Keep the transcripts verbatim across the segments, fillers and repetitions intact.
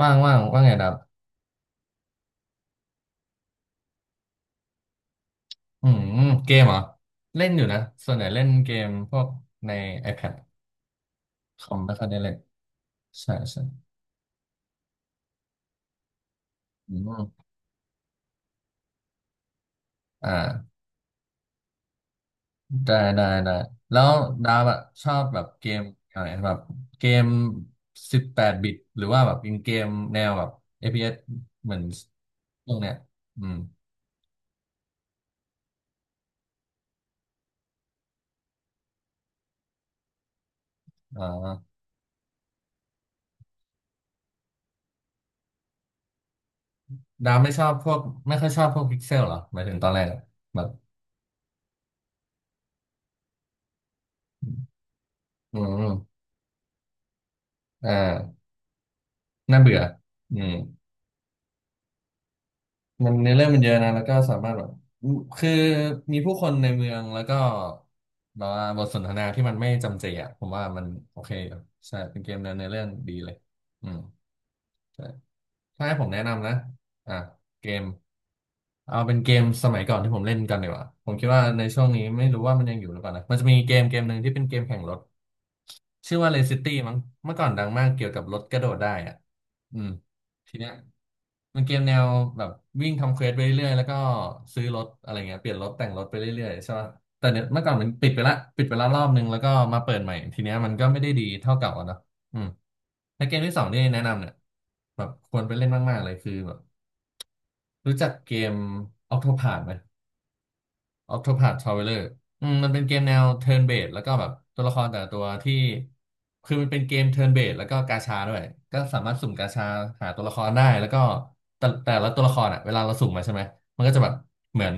ว่างว่างว่างไงดับอืมเกมเหรอเล่นอยู่นะส่วนใหญ่เล่นเกมพวกใน iPad คอมไม่ค่อยได้เล่นใช่ใช่อืมอ่าได้ได้ได้แล้วดาบอะชอบแบบเกมอะไรแบบเกมสิบแปดบิตหรือว่าแบบเป็นเกมแนวแบบ เอฟ พี เอส เอสเหมือนพวกเนี้ยอืมอ่าดาบไม่ชอบพวกไม่ค่อยชอบพวกพิกเซลเหรอหมายถึงตอนแรกอะแบบอืมอ่าน่าเบื่ออืม มันเนื้อเรื่องมันเยอะนะแล้วก็สามารถแบบคือมีผู้คนในเมืองแล้วก็แบบว่าบทสนทนาที่มันไม่จำเจอ่ะผมว่ามันโอเคอยู่ใช่เป็นเกมในเนื้อเรื่องดีเลยอืมใช่ ถ้าให้ผมแนะนำนะอ่ะเกมเอาเป็นเกมสมัยก่อนที่ผมเล่นกันดีกว่าผมคิดว่าในช่วงนี้ไม่รู้ว่ามันยังอยู่หรือเปล่านะมันจะมีเกมเกมหนึ่งที่เป็นเกมแข่งรถชื่อว่า Race City มั้งเมื่อก่อนดังมากเกี่ยวกับรถกระโดดได้อ่ะอืมทีเนี้ยมันเกมแนวแบบวิ่งทำเควสไปเรื่อยๆแล้วก็ซื้อรถอะไรเงี้ยเปลี่ยนรถแต่งรถไปเรื่อยๆใช่ป่ะแต่เนี่ยเมื่อก่อนมันปิดไปละปิดไปละรอบนึงแล้วก็มาเปิดใหม่ทีเนี้ยมันก็ไม่ได้ดีเท่าเก่าอะเนาะ ในเกมที่สองที่แนะนำเนี่ยแบบควรไปเล่นมากๆเลยคือแบบรู้จักเกม Octopath ไหม Octopath Traveler อืมมันเป็นเกมแนว turn based แล้วก็แบบตัวละครแต่ละตัวที่คือมันเป็นเกม turn based แล้วก็กาชาด้วยก็สามารถสุ่มกาชาหาตัวละครได้แล้วก็แต่แต่ละตัวละครอ่ะเวลาเราสุ่มมาใช่ไหมมันก็จะแบบเหมือน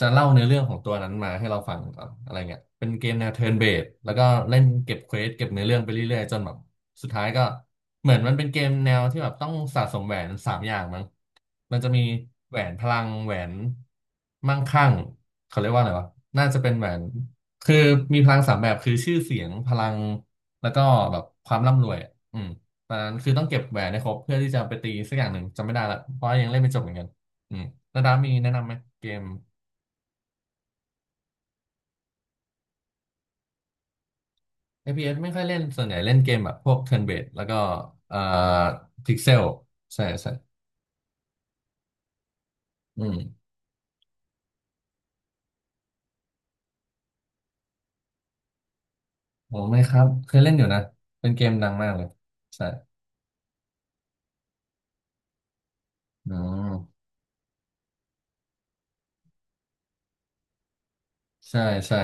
จะเล่าเนื้อเรื่องของตัวนั้นมาให้เราฟังก่อนอะไรเงี้ยเป็นเกมแนว turn based แล้วก็เล่นเก็บเควสเก็บเนื้อเรื่องไปเรื่อยๆจนแบบ สุดท้ายก็เหมือนมันเป็นเกมแนวที่แบบต้องสะสมแหวนสามอย่างมั้งมันจะมีแหวนพลังแหวนมั่งคั่งเขาเรียกว่าอะไรวะน่าจะเป็นแหวนคือมีพลังสามแบบคือชื่อเสียงพลังแล้วก็แบบความร่ำรวยอะอืมตอนนั้นคือต้องเก็บแหวนให้ครบเพื่อที่จะไปตีสักอย่างหนึ่งจำไม่ได้ละเพราะยังเล่นไม่จบเหมือนกันอืมแล้วดามีแนะนำไหมเกมเ p s ไม่ค่อยเล่นส่วนใหญ่เล่นเกมแบบพวก turn based แล้วก็เอ่อ pixel ใช่ใช่อืม โอ้ไม่ครับเคยเล่นอยู่นะเป็นเกมดังมากเลยใช่อืมใช่ใช่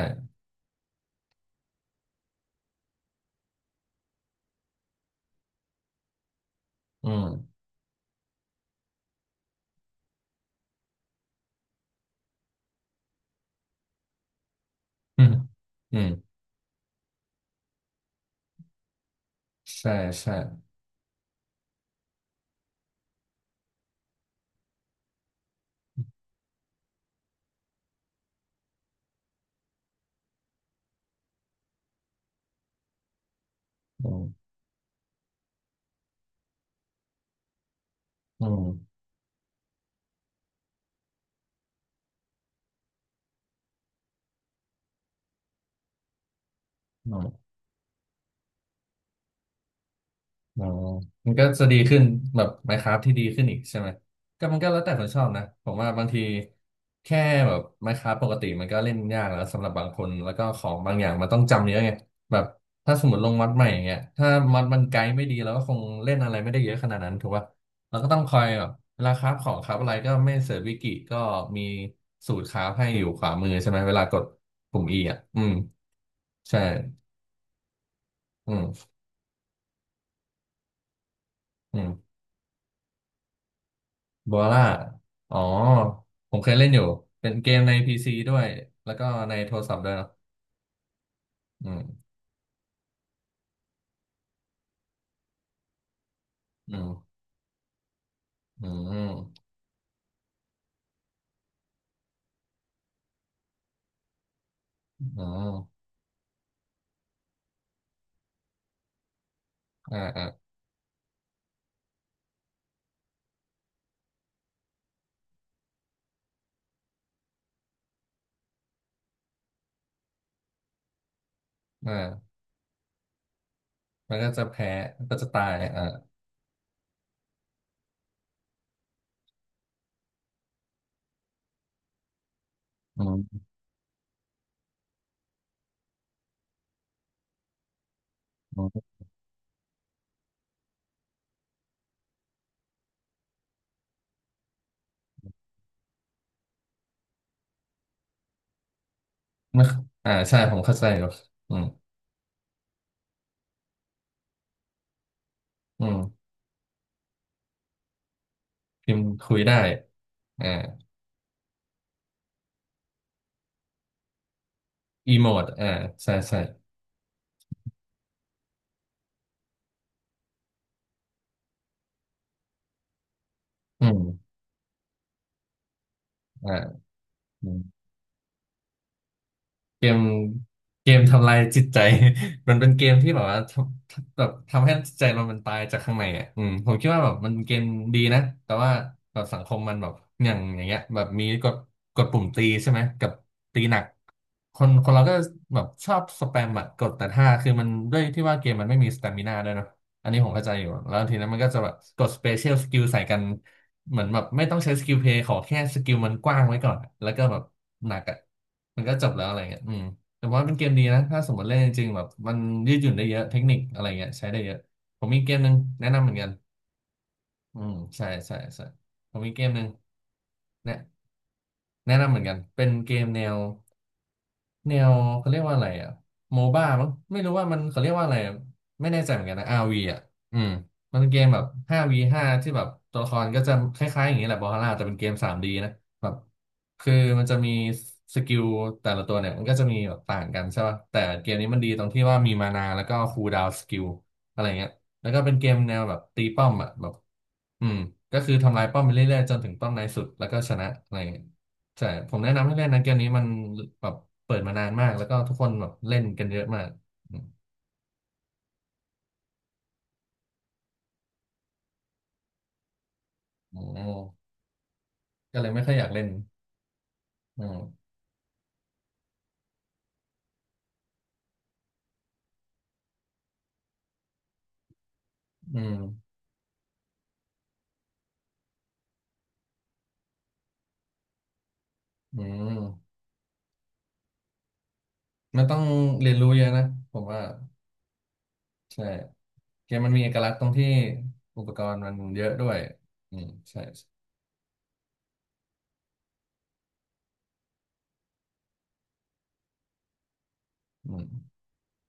อืม อืมอืมใช่ใช่อืมอืมอืม อ๋อมันก็จะดีขึ้นแบบ Minecraft ที่ดีขึ้นอีกใช่ไหมก็มันก็แล้วแต่คนชอบนะผมว่าบางทีแค่แบบ Minecraft ปกติมันก็เล่นยากแล้วสำหรับบางคนแล้วก็ของบางอย่างมันต้องจำเยอะไงแบบถ้าสมมติลงม็อดใหม่อย่างเงี้ยถ้าม็อดมันไกด์ไม่ดีเราก็คงเล่นอะไรไม่ได้เยอะขนาดนั้นถูกป่ะเราก็ต้องคอยแบบเวลาคราฟของคราฟอะไรก็ไม่เสิร์ชวิกิก็มีสูตรคราฟให้อยู่ขวามือใช่ไหมเวลากดปุ่ม E อ่ะอืมใช่อืมอืม บัวล่าอ๋อผมเคยเล่นอยู่ เป็นเกมในพีซีด้วย แล้วก็ในโทรศัพท์ด้วยเนาะอืมอืมอืมอืมอ่าอ่าอ่ามันก็จะแพ้มันก็จะตายอ่าอืมอืมไม่อ่าใช่ ผมเข้าใจอยู่อืมอืมพิมพ์คุยได้อ่าอีโมดอ่าใช่ใช่อืมอ่า เกมเกมทำลายจิตใจ มันเป็นเกมที่แบบว่าทำทำแบบทำให้จิตใจเรามันตายจากข้างในอ่ะอืมผมคิดว่าแบบมันเป็นเกมดีนะแต่ว่าแบบสังคมมันแบบอย่างอย่างเงี้ยแบบมีกดกดปุ่มตีใช่ไหมกับตีหนักคนคนเราก็แบบชอบสแปมอะกดแต่ถ้าคือมันด้วยที่ว่าเกมมันไม่มีสตามินาด้วยเนอะอันนี้ผมเข้าใจอยู่แล้วทีนั้นมันก็จะแบบกดสเปเชียลสกิลใส่กัน เหมือนแบบไม่ต้องใช้สกิลเพลย์ขอแค่สกิลมันกว้างไว้ก่อนอะแล้วก็แบบหนักอ่ะมันก็จบแล้วอะไรเงี้ยอืมแต่ว่าเป็นเกมดีนะถ้าสมมติเล่นจริงๆแบบมันยืดหยุ่นได้เยอะเทคนิคอะไรเงี้ยใช้ได้เยอะผมมีเกมหนึ่งแนะนำเหมือนกันอืมใช่ใช่ใช่ผมมีเกมหนึ่งแนะแนะนำเหมือนกันเป็นเกมแนว แนวเขาเรียกว่าอะไรอ่ะโมบ้ามั้งไม่รู้ว่ามันเขาเรียกว่าอะไรอะไม่แน่ใจเหมือนกันนะ อาร์ วี อ่ะอืมมันเป็นเกมแบบ ห้า วี ห้า ที่แบบตัวละครก็จะคล้ายๆอย่างนี้แหละบอลล่าแต่เป็นเกม ทรี ดี นะแบบคือมันจะมีสกิลแต่ละตัวเนี่ยมันก็จะมีแบบต่างกันใช่ป่ะแต่เกมนี้มันดีตรงที่ว่ามีมานาแล้วก็คูลดาวน์สกิลอะไรเงี้ยแล้วก็เป็นเกมแนวแบบตีป้อมอ่ะแบบอืมก็คือทำลายป้อมไปเรื่อยๆจนถึงป้อมในสุดแล้วก็ชนะอะไรเงี้ย ใช่ผมแนะนำให้เล่นนะเกมนี้มันแบบเปิดมานานมากแล้วก็ทุกคนแบบเล่นกันเยอะมากอืมโอก็เลยไม่ค่อยอยากเล่นอืมอืมอืมมันต้องเรียนรู้เยอะนะผมว่าใช่เกมมันมีเอกลักษณ์ตรงที่อุปกรณ์มันเยอะด้วยอืมใช่อืม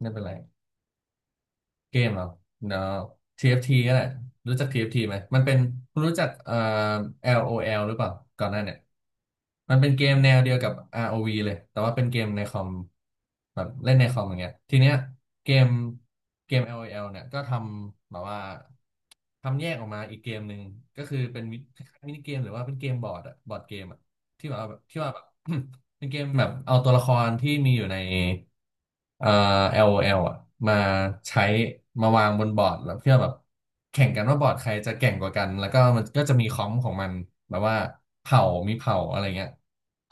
ไม่เป็นไร เกมเหรอเนาะ ที เอฟ ที ก็แหละรู้จัก ที เอฟ ที ไหมมันเป็นคุณรู้จักเอ่อ LOL หรือเปล่าก่อนหน้าเนี่ยมันเป็นเกมแนวเดียวกับ อาร์ โอ วี เลยแต่ว่าเป็นเกมในคอมแบบเล่นในคอมอย่างเงี้ยทีเนี้ยเกมเกม LOL เนี่ยก็ทำแบบว่าทำแยกออกมาอีกเกมหนึ่งก็คือเป็นมิคล้ายๆมินิเกมหรือว่าเป็นเกมบอร์ดอะบอร์ดเกมอะที่แบบว่าที่ว่าแบบ เป็นเกมแบบเอาตัวละครที่มีอยู่ใน เอ่อ LOL อลโอแอลอ่ะมาใช้มาวางบนบอร์ดแล้วเพื่อแบบแข่งกันว่าบอร์ดใครจะแก่งกว่ากันแล้วก็มันก็จะมีคอมของมันแบบว่าเผ่ามีเผ่าอะไรเงี้ย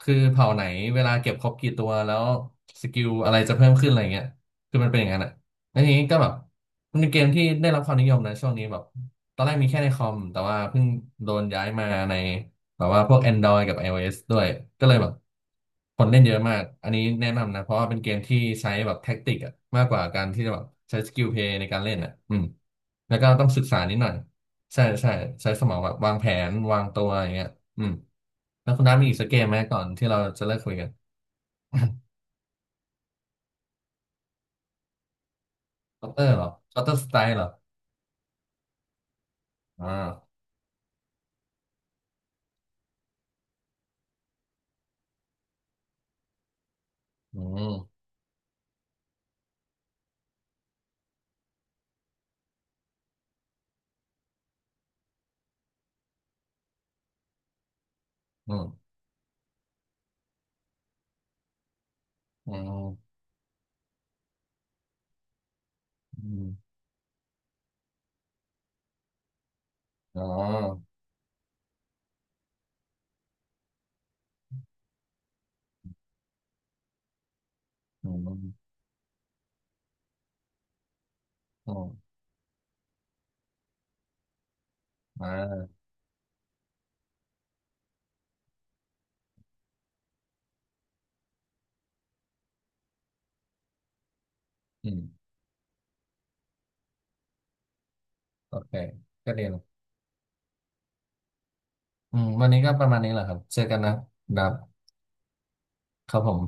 คือเผ่าไหนเวลาเก็บครบกี่ตัวแล้วสกิลอะไรจะเพิ่มขึ้นอะไรเงี้ยคือมันเป็นอย่างนั้นอ่ะแล้วทีนี้ก็แบบมันเป็นเกมที่ได้รับความนิยมนะช่วงนี้แบบตอนแรกมีแค่ในคอมแต่ว่าเพิ่งโดนย้ายมาใน แบบว่าพวก แอนดรอยด์ กับ ไอ โอ เอส ด้วยก็เลยแบบคนเล่นเยอะมากอันนี้แนะนำนะเพราะว่าเป็นเกมที่ใช้แบบแท็กติกอะมากกว่าการที่จะแบบใช้สกิลเพลย์ในการเล่นอะอืมแล้วก็ต้องศึกษานิดหน่อยใช่ใช่ใช้สมองแบบวางแผนวางตัวอย่างเงี้ยอืมแล้วคุณน้ามีอีกสักเกมไหมก่อนที่เราจะเลิกคุยกัน คอเตอร์เหรอคอเตอร์สไตล์เหรออ่าอืมอืมอืมอืมอ๋ออืมอืมอ่าอืมโอเคก็ดีนะ อืมวันนี้ก็ประมาณนี้แหละครับเจอกันนะครับครับผม